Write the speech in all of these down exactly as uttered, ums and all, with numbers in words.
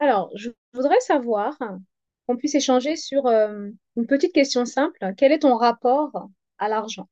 Alors, je voudrais savoir, hein, qu'on puisse échanger sur euh, une petite question simple. Quel est ton rapport à l'argent?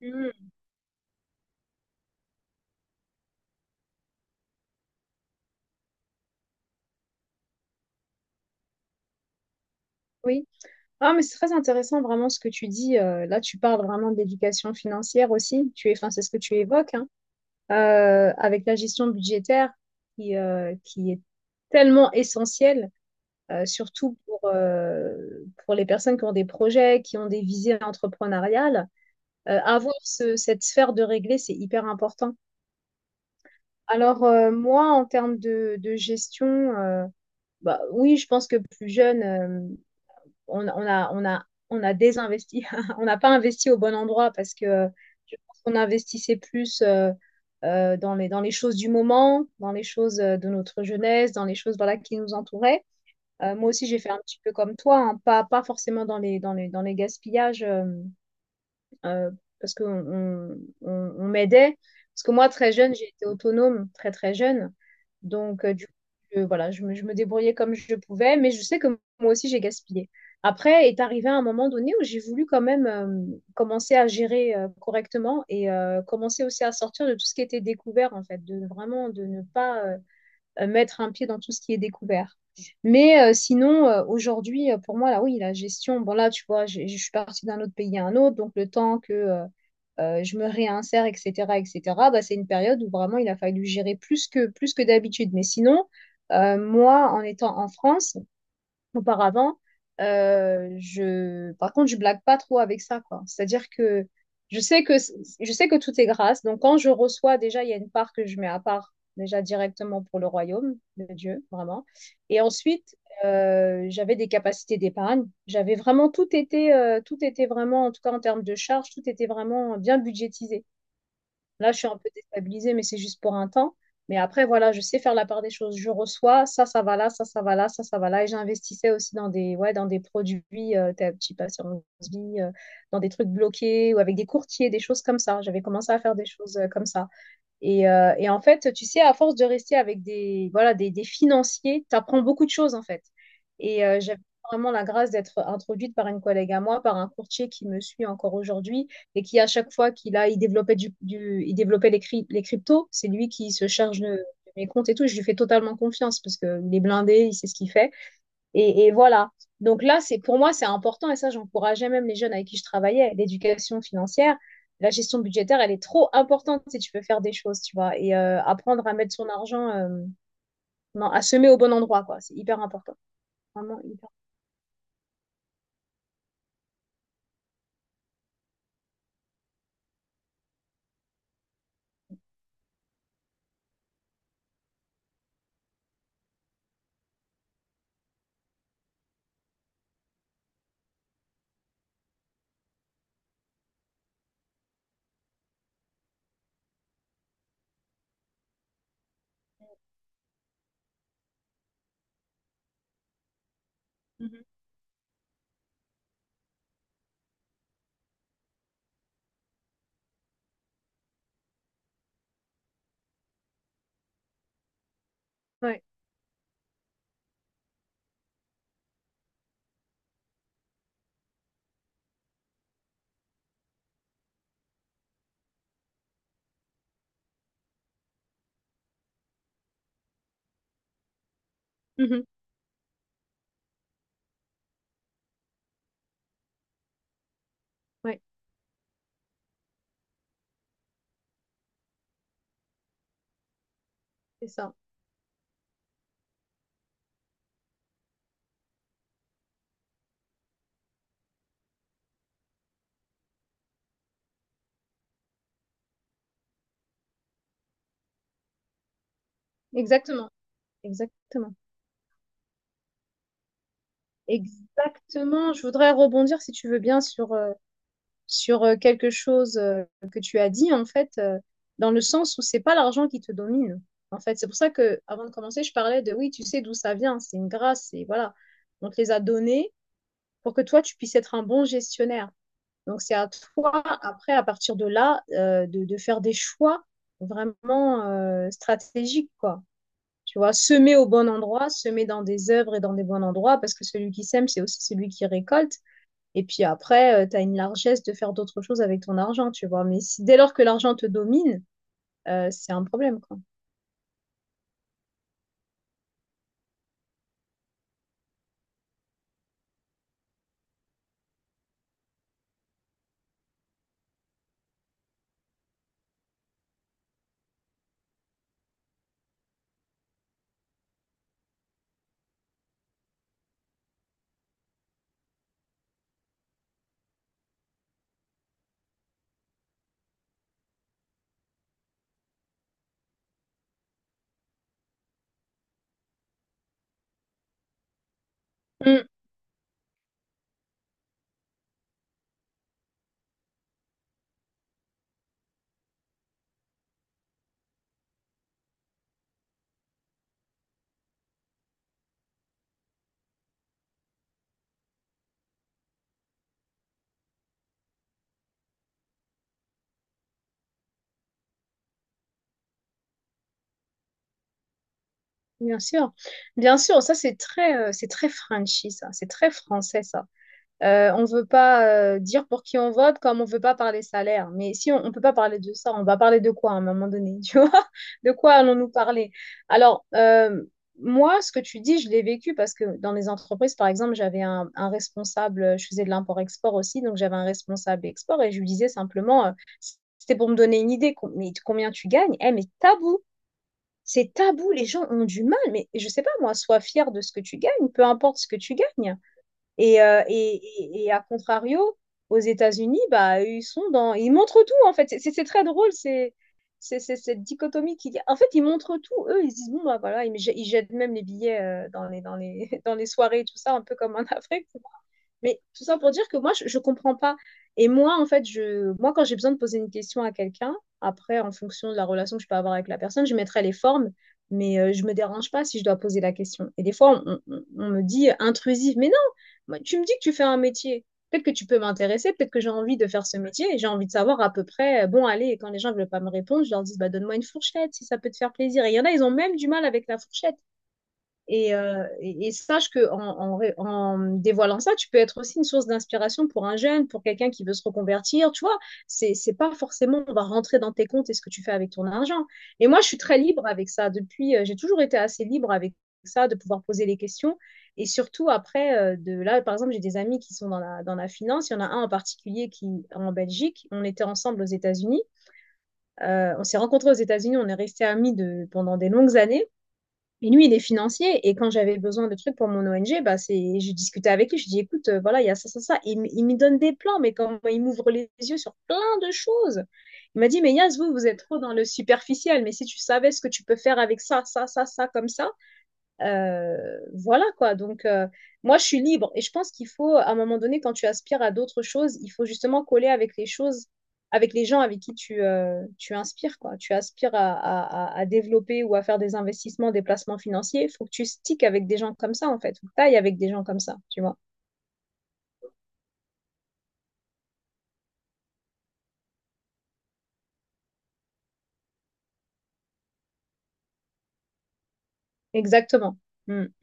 Hmm. Oui. Ah, mais c'est très intéressant vraiment ce que tu dis. Euh, là, tu parles vraiment d'éducation financière aussi. Tu es, enfin, c'est ce que tu évoques, hein, euh, avec la gestion budgétaire qui, euh, qui est tellement essentielle, euh, surtout pour, euh, pour les personnes qui ont des projets, qui ont des visées entrepreneuriales. Euh, avoir ce- cette sphère de régler, c'est hyper important. Alors, euh, moi, en termes de, de gestion, euh, bah, oui, je pense que plus jeune, euh, on, on a, on a, on a désinvesti. On n'a pas investi au bon endroit parce que euh, je pense qu'on investissait plus euh, euh, dans les, dans les choses du moment, dans les choses euh, de notre jeunesse, dans les choses voilà, qui nous entouraient. Euh, moi aussi, j'ai fait un petit peu comme toi, hein, pas, pas forcément dans les, dans les, dans les gaspillages. euh, euh, Parce qu'on on, on- on m'aidait. Parce que moi, très jeune, j'ai été autonome, très très jeune. Donc, euh, du coup, je- voilà, je me, je me débrouillais comme je pouvais, mais je sais que moi aussi, j'ai gaspillé. Après est arrivé un moment donné où j'ai voulu quand même euh, commencer à gérer euh, correctement et euh, commencer aussi à sortir de tout ce qui était découvert, en fait, de vraiment de ne pas euh, euh, mettre un pied dans tout ce qui est découvert. Mais euh, sinon, euh, aujourd'hui, euh, pour moi, là, oui, la gestion, bon, là, tu vois, j'ai- je suis partie d'un autre pays à un autre, donc le temps que euh, euh, je me réinsère, et cætera, et cætera, bah, c'est une période où vraiment il a fallu gérer plus que, plus que d'habitude. Mais sinon, euh, moi, en étant en France, auparavant, euh, je... Par contre, je blague pas trop avec ça, quoi. C'est-à-dire que je sais que, c- je sais que tout est grâce. Donc, quand je reçois, déjà, il y a une part que je mets à part, déjà directement pour le royaume de Dieu, vraiment. Et ensuite, euh, j'avais des capacités d'épargne. J'avais vraiment tout été, euh, tout était vraiment, en tout cas en termes de charges, tout était vraiment bien budgétisé. Là, je suis un peu déstabilisée, mais c'est juste pour un temps. Mais après, voilà, je sais faire la part des choses. Je reçois, ça, ça va là, ça, ça va là, ça, ça va là. Et j'investissais aussi dans des, ouais, dans des produits, euh, ta petite assurance vie, euh, dans des trucs bloqués ou avec des courtiers, des choses comme ça. J'avais commencé à faire des choses euh, comme ça. Et, euh, et en fait, tu sais, à force de rester avec des, voilà, des, des financiers, tu apprends beaucoup de choses, en fait. Et euh, j'avais vraiment la grâce d'être introduite par une collègue à moi, par un courtier qui me suit encore aujourd'hui et qui, à chaque fois qu'il a, il développait, du, du- il développait les, cryp- les cryptos, c'est lui qui se charge de, de mes comptes et tout. Je lui fais totalement confiance parce qu'il est blindé, il sait ce qu'il fait. Et, et voilà. Donc là, c'est pour moi, c'est important et ça, j'encourageais même les jeunes avec qui je travaillais, l'éducation financière. La gestion budgétaire, elle est trop importante si tu veux faire des choses, tu vois, et euh, apprendre à mettre son argent, euh, non, à semer au bon endroit, quoi. C'est hyper important. Vraiment hyper. Mhm. Ouais. Mhm. Ouais. C'est ça. Exactement. Exactement. Exactement. Je voudrais rebondir, si tu veux bien, sur, euh, sur euh, quelque chose euh, que tu as dit, en fait, euh, dans le sens où c'est pas l'argent qui te domine. En fait, c'est pour ça que avant de commencer, je parlais de oui, tu sais d'où ça vient, c'est une grâce, et voilà. On te les a donnés pour que toi, tu puisses être un bon gestionnaire. Donc, c'est à toi, après, à partir de là, euh, de, de faire des choix vraiment euh, stratégiques, quoi. Tu vois, semer au bon endroit, semer dans des œuvres et dans des bons endroits, parce que celui qui sème, c'est aussi celui qui récolte. Et puis après, euh, tu as une largesse de faire d'autres choses avec ton argent, tu vois. Mais si, dès lors que l'argent te domine, euh, c'est un problème, quoi. Mm, bien sûr. Bien sûr, ça c'est très, euh, c'est très Frenchy, ça. C'est très français, ça. Euh, on ne veut pas euh, dire pour qui on vote, comme on ne veut pas parler salaire. Mais si on ne peut pas parler de ça, on va parler de quoi à un moment donné, tu vois? De quoi allons-nous parler? Alors, euh, moi, ce que tu dis, je l'ai vécu parce que dans les entreprises, par exemple, j'avais un, un responsable, je faisais de l'import-export aussi, donc j'avais un responsable export et je lui disais simplement, euh, c'était pour me donner une idée, com- mais combien tu gagnes? Eh, mais tabou! C'est tabou, les gens ont du mal, mais je sais pas moi, sois fier de ce que tu gagnes, peu importe ce que tu gagnes. Et, euh, et, et, et à contrario, aux États-Unis, bah, ils sont dans... Ils montrent tout, en fait. C'est c'est- c'est très drôle, c'est c'est- c'est cette dichotomie qui... En fait, ils montrent tout. Eux, ils se disent, bon, bah voilà, ils, me- ils jettent même les billets euh, dans les, dans les, dans les soirées, tout ça, un peu comme en Afrique. Mais tout ça pour dire que moi, je, je comprends pas. Et moi, en fait, je, moi, quand j'ai besoin de poser une question à quelqu'un, après, en fonction de la relation que je peux avoir avec la personne, je mettrai les formes, mais euh, je ne me dérange pas si je dois poser la question. Et des fois, on, on- on me dit intrusive, mais non, moi, tu me dis que tu fais un métier. Peut-être que tu peux m'intéresser, peut-être que j'ai envie de faire ce métier et j'ai envie de savoir à peu près, euh, bon, allez, et quand les gens ne veulent pas me répondre, je leur dis, bah, donne-moi une fourchette si ça peut te faire plaisir. Et il y en a, ils ont même du mal avec la fourchette. Et, euh, et, et sache que en, en, en dévoilant ça, tu peux être aussi une source d'inspiration pour un jeune, pour quelqu'un qui veut se reconvertir. Tu vois, c'est c'est pas forcément on va rentrer dans tes comptes et ce que tu fais avec ton argent. Et moi, je suis très libre avec ça. Depuis, euh, j'ai toujours été assez libre avec ça, de pouvoir poser les questions. Et surtout après, euh, de là, par exemple, j'ai des amis qui sont dans la dans la finance. Il y en a un en particulier qui en Belgique. On était ensemble aux États-Unis. Euh, on s'est rencontrés aux États-Unis. On est restés amis de pendant des longues années. Et lui, il est financier. Et quand j'avais besoin de trucs pour mon O N G, bah c'est, je discutais avec lui. Je dis, écoute, euh, voilà, il y a ça, ça, ça. Il, m- il me donne des plans, mais comment il m'ouvre les yeux sur plein de choses. Il m'a dit, mais Yas, vous, vous êtes trop dans le superficiel. Mais si tu savais ce que tu peux faire avec ça, ça, ça, ça, comme ça, euh, voilà quoi. Donc, euh, moi, je suis libre et je pense qu'il faut, à un moment donné, quand tu aspires à d'autres choses, il faut justement coller avec les choses, avec les gens avec qui tu, euh, tu inspires quoi. Tu aspires à, à- à- à développer ou à faire des investissements, des placements financiers. Il faut que tu sticks avec des gens comme ça en fait. Faut que t'ailles avec des gens comme ça, tu vois. Exactement. Mm.